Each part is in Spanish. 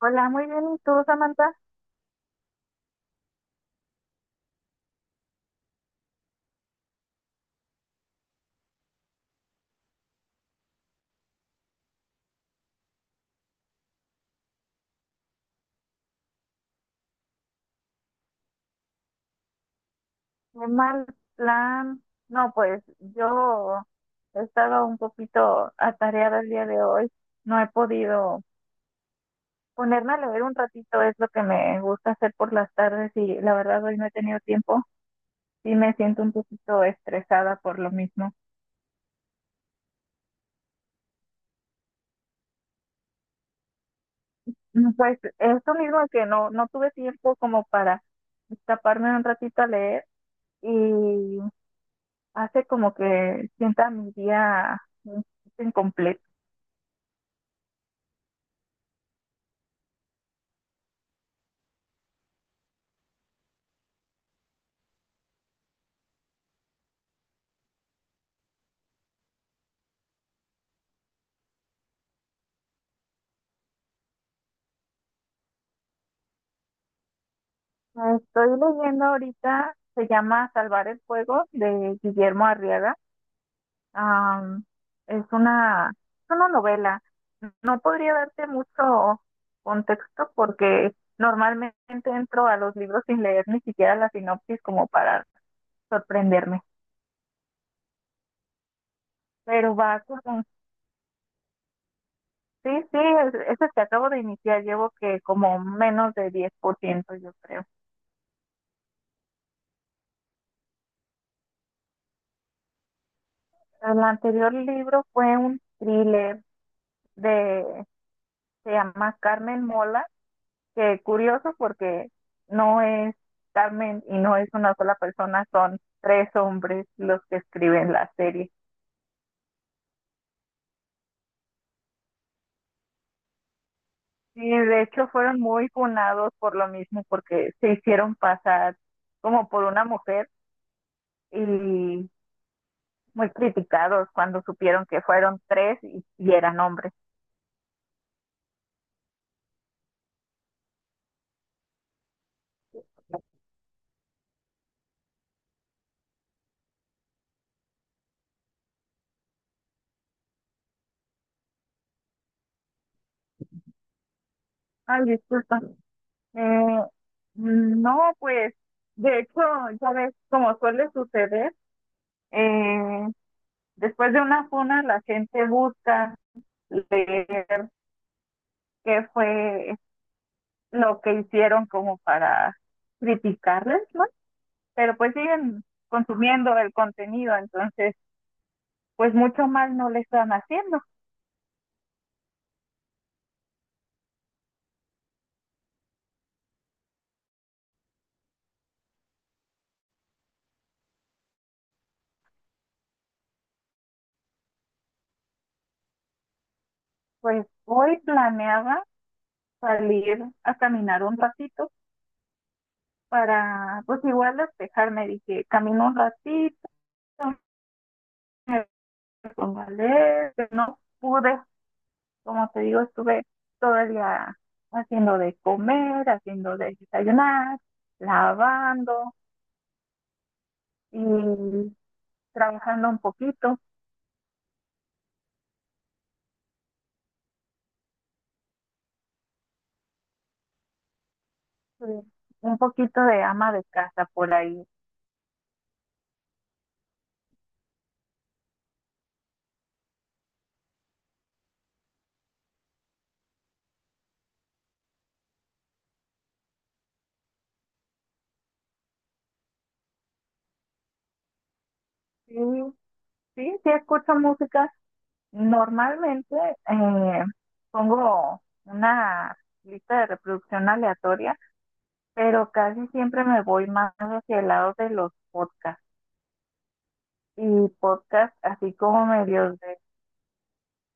Hola, muy bien. ¿Y tú, Samantha? Qué mal plan. No, pues yo he estado un poquito atareada el día de hoy. No he podido ponerme a leer un ratito, es lo que me gusta hacer por las tardes y la verdad hoy no he tenido tiempo. Sí me siento un poquito estresada por lo mismo. Pues esto mismo que no tuve tiempo como para escaparme un ratito a leer y hace como que sienta mi día mm, incompleto. Estoy leyendo ahorita, se llama Salvar el Fuego de Guillermo Arriaga. Am, es una novela. No podría darte mucho contexto porque normalmente entro a los libros sin leer ni siquiera la sinopsis como para sorprenderme. Pero va como, sí, sí, es el que acabo de iniciar. Llevo que como menos de 10% yo creo. El anterior libro fue un thriller de, se llama Carmen Mola, que curioso porque no es Carmen y no es una sola persona, son tres hombres los que escriben la serie. Y de hecho fueron muy funados por lo mismo, porque se hicieron pasar como por una mujer y muy criticados cuando supieron que fueron tres y eran hombres. Ay, disculpa. Eh, no, pues de hecho, ya ves, como suele suceder, eh, después de una funa la gente busca leer qué fue lo que hicieron como para criticarles, ¿no? Pero pues siguen consumiendo el contenido, entonces pues mucho mal no le están haciendo. Pues hoy planeaba salir a caminar un ratito para pues igual despejarme, dije, camino un ratito, me pongo a leer, pero no pude, como te digo, estuve todo el día haciendo de comer, haciendo de desayunar, lavando, y trabajando eh, un poquito de ama de casa por ahí. Sí, sí, sí escucho música. Normalmente eh, pongo una lista de reproducción aleatoria, pero casi siempre me voy más hacia el lado de los podcasts y podcasts así como medios de,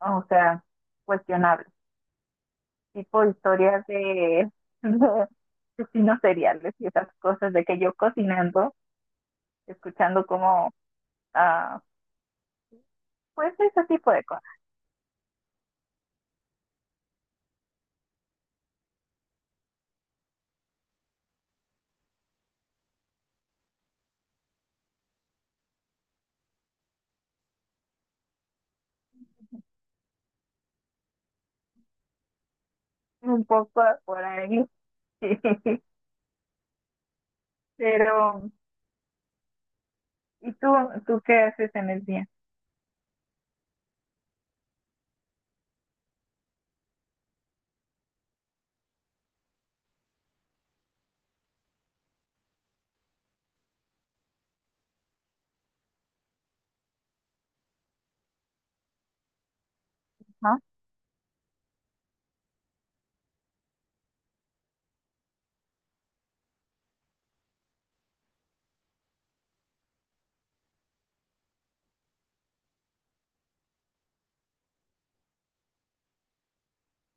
o sea, cuestionables, tipo historias de, de asesinos seriales y esas cosas de que yo cocinando escuchando como, ah, pues ese tipo de cosas, un poco por ahí. Pero, ¿y tú qué haces en el día? ¿No?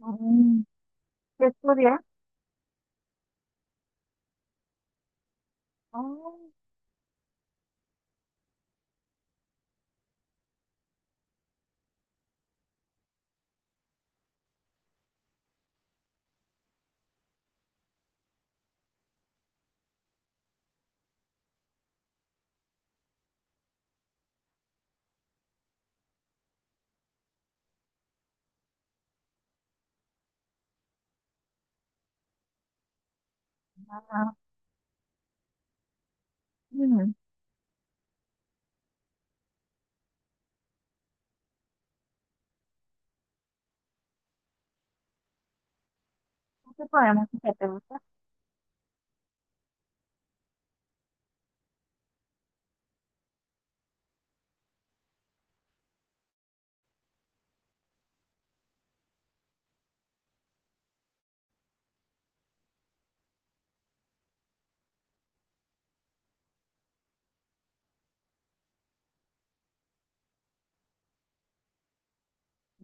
Mm. ¿Qué estudias? Oh. ah, mm, ¿Qué tipo de música te gusta?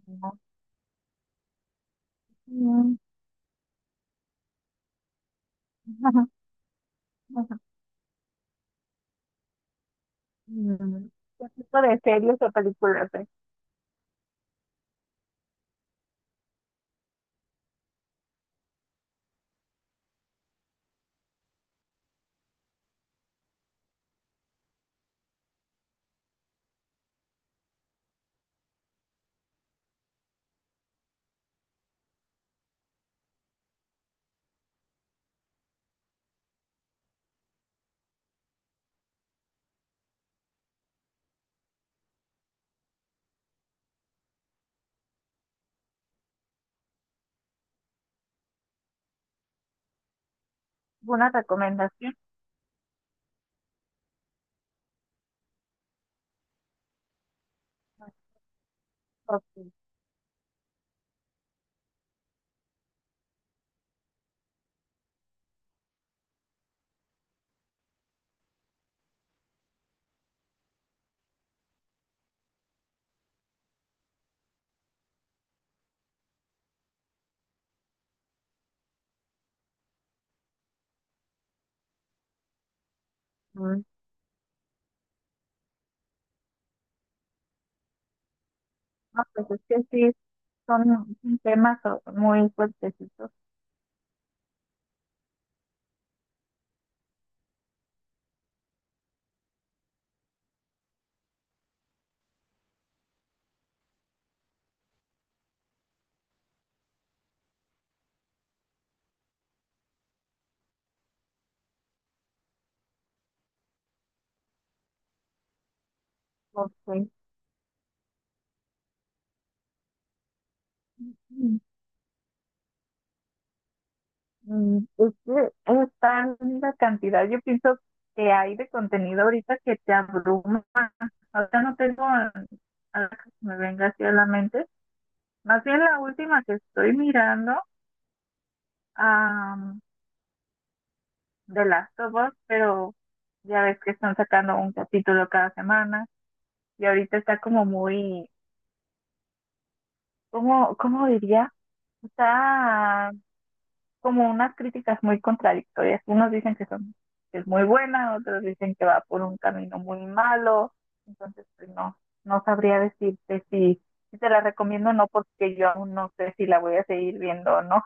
No. Mm. mm, ¿Qué tipo de series o películas ves? ¿Alguna recomendación? Ok. mm, No, pues es que sí, son temas o- muy fuertecitos. Ok. Pues es que es tan cantidad, yo pienso que hay de contenido ahorita que te abruma. Ahorita no tengo nada que me venga así a la mente. Más bien la última que estoy mirando, am, de Last of Us, pero ya ves que están sacando un capítulo cada semana y ahorita está como muy, ¿cómo, cómo diría? Está como unas críticas muy contradictorias. Unos dicen que, son, que es muy buena, otros dicen que va por un camino muy malo. Entonces, pues no, no sabría decirte si, si te la recomiendo o no, porque yo aún no sé si la voy a seguir viendo o no.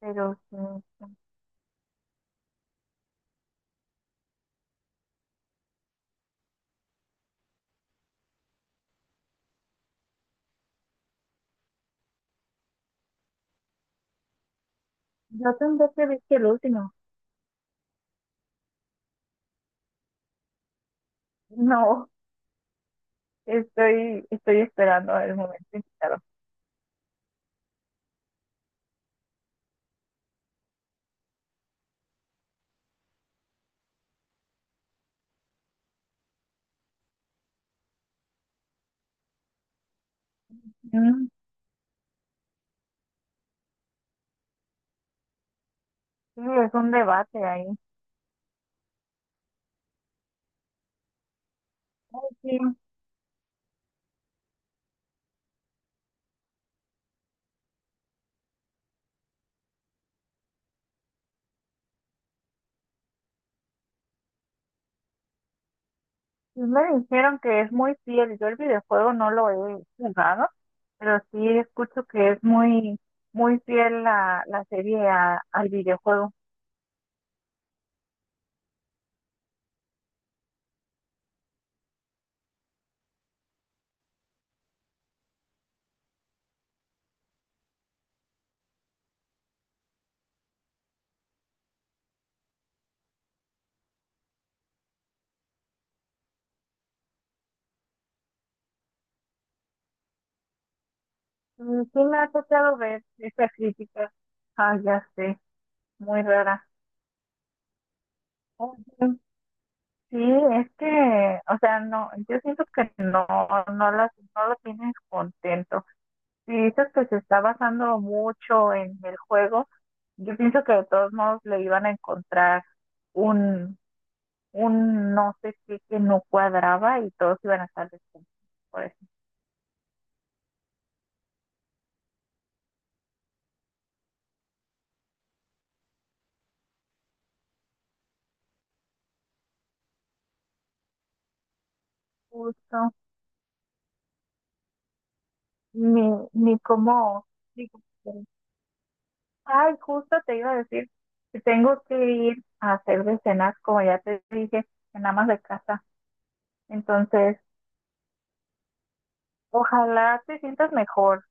Pero sí, yo tendré que ver que el último. No, estoy esperando el momento indicado. Mm. Sí, es un debate ahí. Ay, sí, sí me dijeron que es muy fiel. Yo el videojuego no lo he jugado, pero sí escucho que es muy, muy fiel la serie a- al videojuego. Mm. Sí me ha tocado ver esa crítica. Ah, ya sé, muy rara. Oye, sí, es que, o sea, no, yo siento que no, no las, no lo tienes contento. Si dices que se está basando mucho en el juego, yo pienso que de todos modos le iban a encontrar un un no sé qué que no cuadraba y todos iban a estar descontentos por ese justo, ni, ni cómo, ni cómo- ay, justo te iba a decir que tengo que ir a hacer de cenas, como ya te dije, en amas de casa. Entonces, ojalá te sientas mejor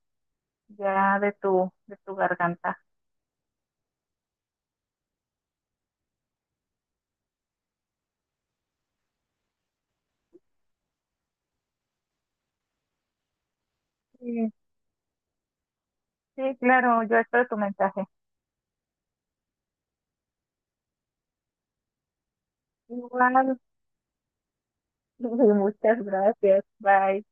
ya de tu garganta. Sí, sí, claro, yo espero tu mensaje. Igual, muchas gracias. Bye.